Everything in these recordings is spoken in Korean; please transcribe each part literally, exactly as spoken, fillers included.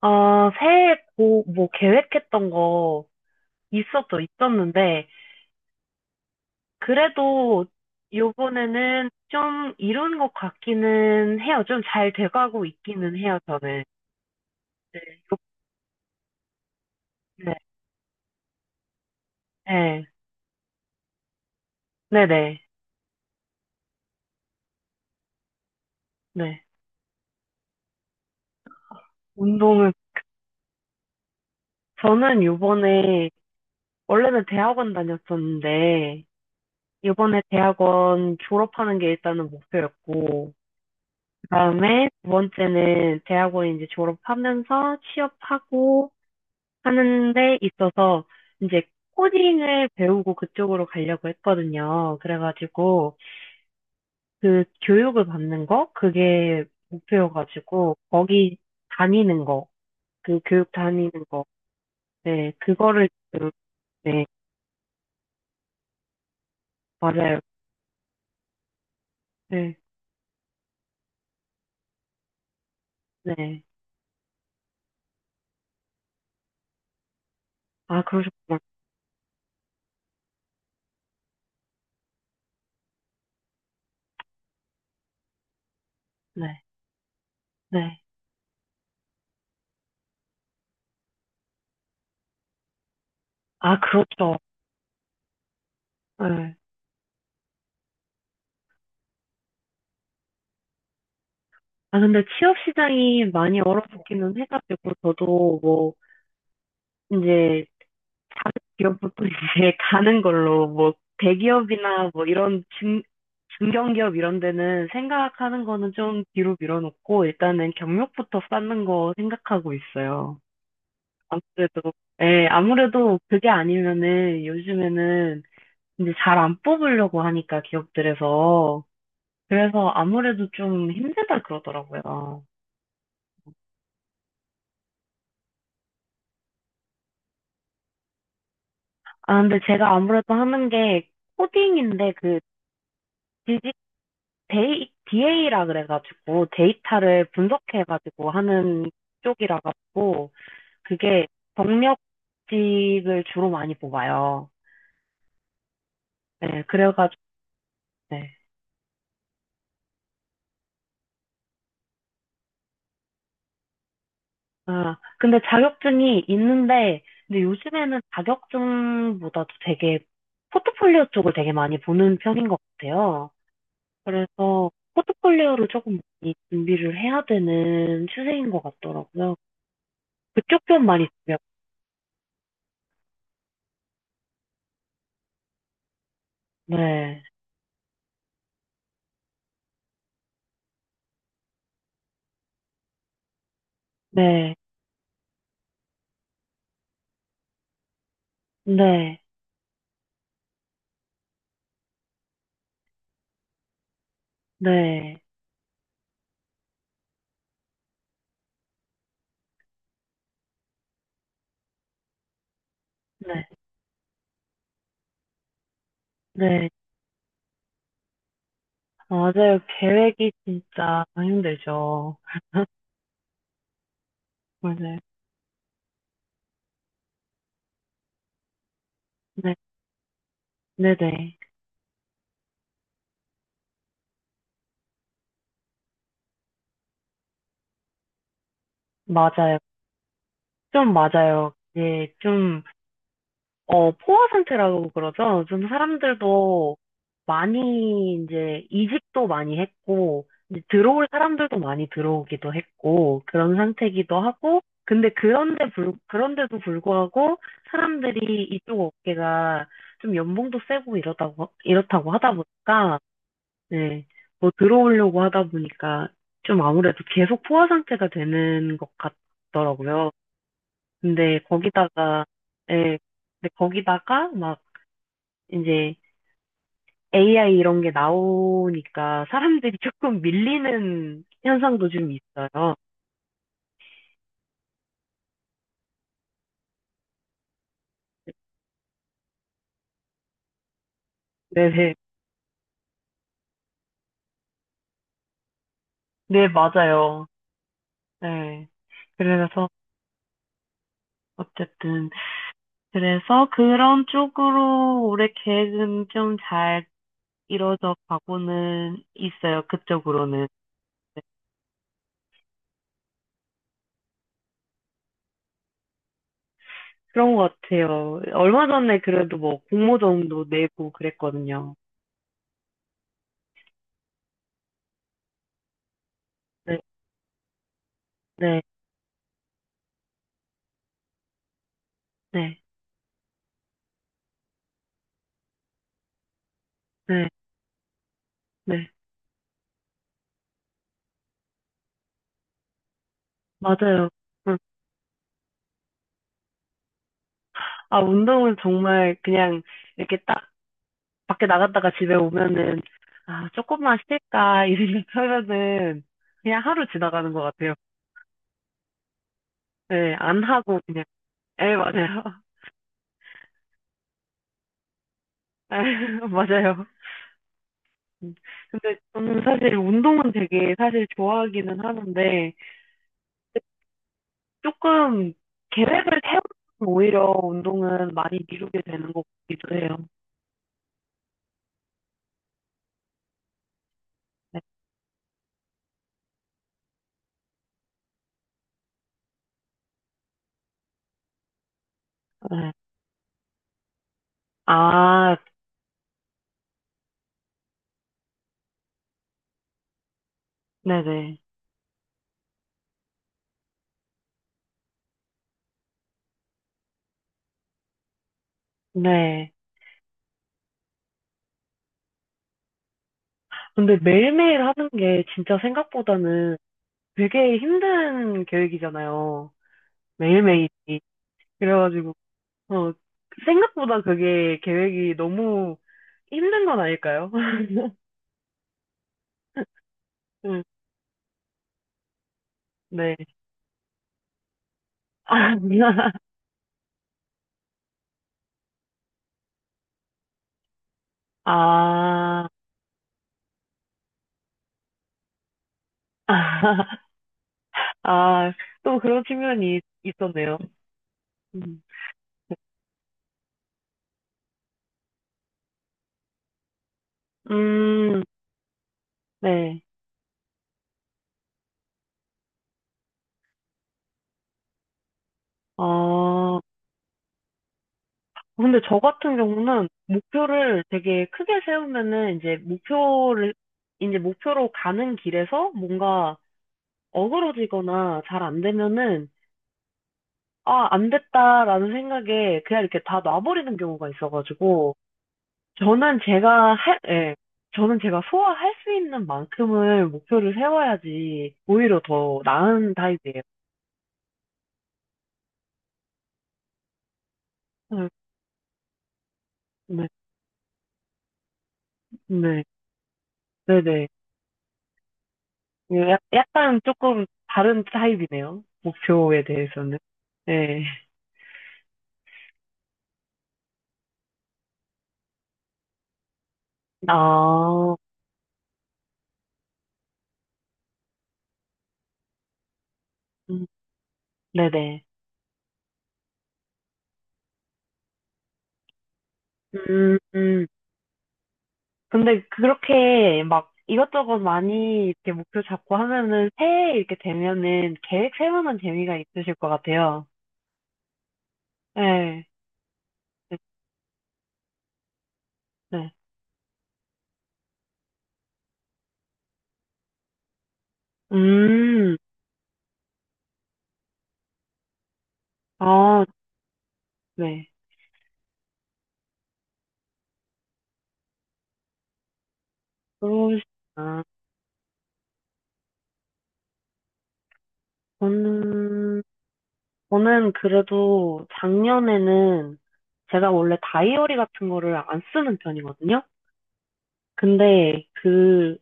아, 새해 뭐, 뭐 계획했던 거 있었죠, 있었는데, 그래도 요번에는 좀 이룬 것 같기는 해요. 좀 잘 돼가고 있기는 해요, 저는. 네, 요- 네, 네, 네, 네, 네. 네. 운동은, 저는 요번에, 원래는 대학원 다녔었는데, 요번에 대학원 졸업하는 게 일단은 목표였고, 그다음에 두 번째는 대학원 이제 졸업하면서 취업하고, 하는 데 있어서 이제 코딩을 배우고 그쪽으로 가려고 했거든요. 그래가지고 그 교육을 받는 거, 그게 목표여가지고 거기 다니는 거, 그 교육 다니는 거. 네, 그거를 지금. 네, 맞아요. 네, 네. 아, 그러셨구나. 네, 네. 아, 그렇죠. 네. 아, 근데 취업 시장이 많이 얼어붙기는 해가지고, 저도 뭐 이제 다른 기업부터 이제 가는 걸로, 뭐 대기업이나 뭐 이런 중, 중견기업 이런 데는 생각하는 거는 좀 뒤로 밀어놓고 일단은 경력부터 쌓는 거 생각하고 있어요. 아무래도, 예, 아무래도 그게 아니면은 요즘에는 이제 잘 안 뽑으려고 하니까, 기업들에서. 그래서 아무래도 좀 힘들다 그러더라고요. 아, 근데 제가 아무래도 하는 게 코딩인데, 그 디지 데이, 디에이라 그래가지고 데이터를 분석해가지고 하는 쪽이라 가지고, 그게 경력직을 주로 많이 뽑아요. 네, 그래가지고. 네. 아, 근데 자격증이 있는데, 근데 요즘에는 자격증보다도 되게 포트폴리오 쪽을 되게 많이 보는 편인 것 같아요. 그래서 포트폴리오를 조금 많이 준비를 해야 되는 추세인 것 같더라고요. 그쪽 편 많이 준비하고. 네, 네, 네. 네, 네, 네. 아, 맞아요. 계획이 진짜 힘들죠. 맞아요. 네, 네네. 맞아요. 좀 맞아요. 네, 좀. 어, 포화 상태라고 그러죠. 요즘 사람들도 많이 이제 이직도 많이 했고, 이제 들어올 사람들도 많이 들어오기도 했고, 그런 상태이기도 하고. 근데 그런데 불, 그런데도 불구하고 사람들이 이쪽 업계가 좀 연봉도 세고 이러다고, 이렇다고 하다 보니까, 네, 뭐 들어오려고 하다 보니까 좀 아무래도 계속 포화 상태가 되는 것 같더라고요. 근데 거기다가, 예, 근데 거기다가 막 이제 에이아이 이런 게 나오니까 사람들이 조금 밀리는 현상도 좀 있어요. 네네. 네, 네, 맞아요. 네. 그래서, 어쨌든. 그래서 그런 쪽으로 올해 계획은 좀 잘 이루어져 가고는 있어요. 그쪽으로는. 그런 것 같아요. 얼마 전에 그래도 뭐 공모전도 내고 그랬거든요. 네, 네, 네, 네, 네. 맞아요. 응. 아, 운동은 정말 그냥 이렇게 딱 밖에 나갔다가 집에 오면은, 아, 조금만 쉴까, 이 생각하면은 그냥 하루 지나가는 것 같아요. 네, 안 하고 그냥. 에, 맞아요. 에, 맞아요. 음, 근데 저는 사실 운동은 되게 사실 좋아하기는 하는데, 조금 계획을 세우면 오히려 운동은 많이 미루게 되는 것 같기도 해요. 네. 네. 아, 네네. 네. 근데 매일매일 하는 게 진짜 생각보다는 되게 힘든 계획이잖아요. 매일매일이. 그래가지고, 어, 생각보다 그게 계획이 너무 힘든 건 아닐까요? 음, 네. 아, 아, 아, 또 그런 측면이 있었네요. 음, 네. 음, 네. 어, 근데 저 같은 경우는 목표를 되게 크게 세우면은 이제 목표를, 이제 목표로 가는 길에서 뭔가 어그러지거나 잘 안 되면은, 아, 안 됐다라는 생각에 그냥 이렇게 다 놔버리는 경우가 있어가지고, 저는 제가 할, 예, 저는 제가 소화할 수 있는 만큼을 목표를 세워야지 오히려 더 나은 타입이에요. 네, 네, 네, 네네. 예, 약- 약간 조금 다른 타입이네요. 목표에 대해서는. 네. 아, 음, 네네. 음, 음. 근데 그렇게 막 이것저것 많이 이렇게 목표 잡고 하면은, 새해 이렇게 되면은 계획 세우는 재미가 있으실 것 같아요. 네. 네. 네. 음, 아, 네. 그러시구나. 저는, 저는 그래도 작년에는 제가 원래 다이어리 같은 거를 안 쓰는 편이거든요. 근데 그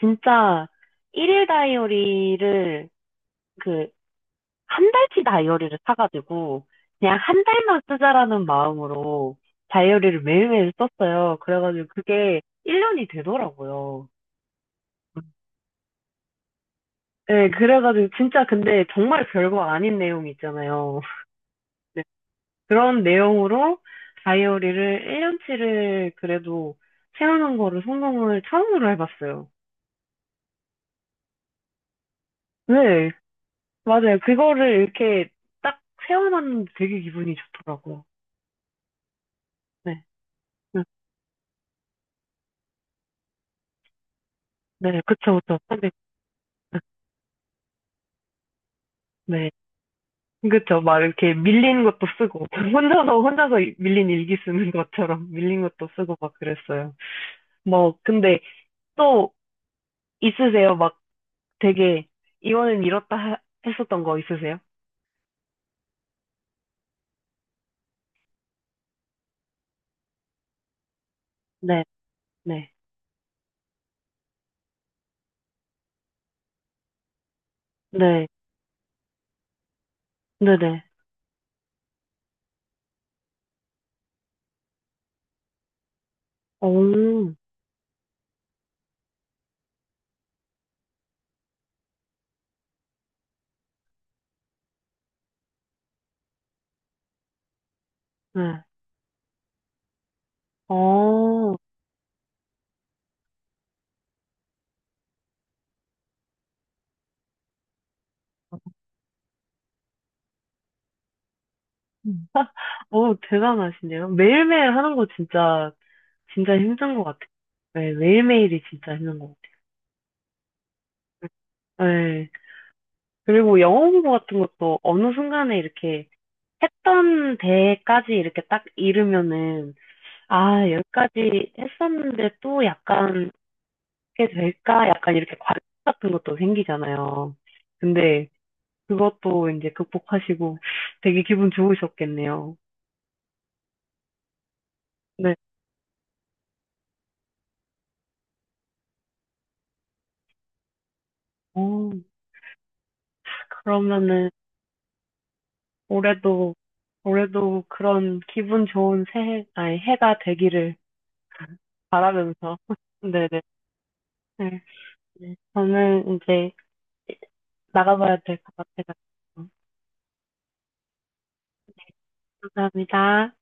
진짜 일일 다이어리를, 그 한 달치 다이어리를 사가지고 그냥 한 달만 쓰자라는 마음으로 다이어리를 매일매일 썼어요. 그래가지고 그게 일 년이 되더라고요. 네, 그래가지고 진짜, 근데 정말 별거 아닌 내용이 있잖아요. 그런 내용으로 다이어리를 일 년 치를 그래도 채우는 거를 성공을 처음으로 해봤어요. 네, 맞아요. 그거를 이렇게 딱 세워놨는데 되게 기분이 좋더라고요. 네, 응, 네, 그쵸, 그쵸. 근데, 네, 그쵸. 막 이렇게 밀린 것도 쓰고, 혼자서, 혼자서 밀린 일기 쓰는 것처럼 밀린 것도 쓰고 막 그랬어요. 뭐, 근데 또 있으세요? 막 되게, 이거는 이렇다 하- 했었던 거 있으세요? 네, 네, 네. 네네. 오, 네. 어, 음. 어, 대단하시네요. 매일매일 하는 거 진짜, 진짜 힘든 것 같아요. 네, 매일매일이 진짜 힘든 것 같아요. 네. 그리고 영어 공부 같은 것도 어느 순간에 이렇게 했던 데까지 이렇게 딱 이르면은, 아, 여기까지 했었는데 또 약간, 이렇게 될까? 약간 이렇게 과제 같은 것도 생기잖아요. 근데 그것도 이제 극복하시고 되게 기분 좋으셨겠네요. 네. 어, 그러면은 올해도 올해도 그런 기분 좋은 새해, 아니 해가 되기를 바라면서 네네. 네. 저는 이제 나가봐야 될 것 같아요. 감사합니다.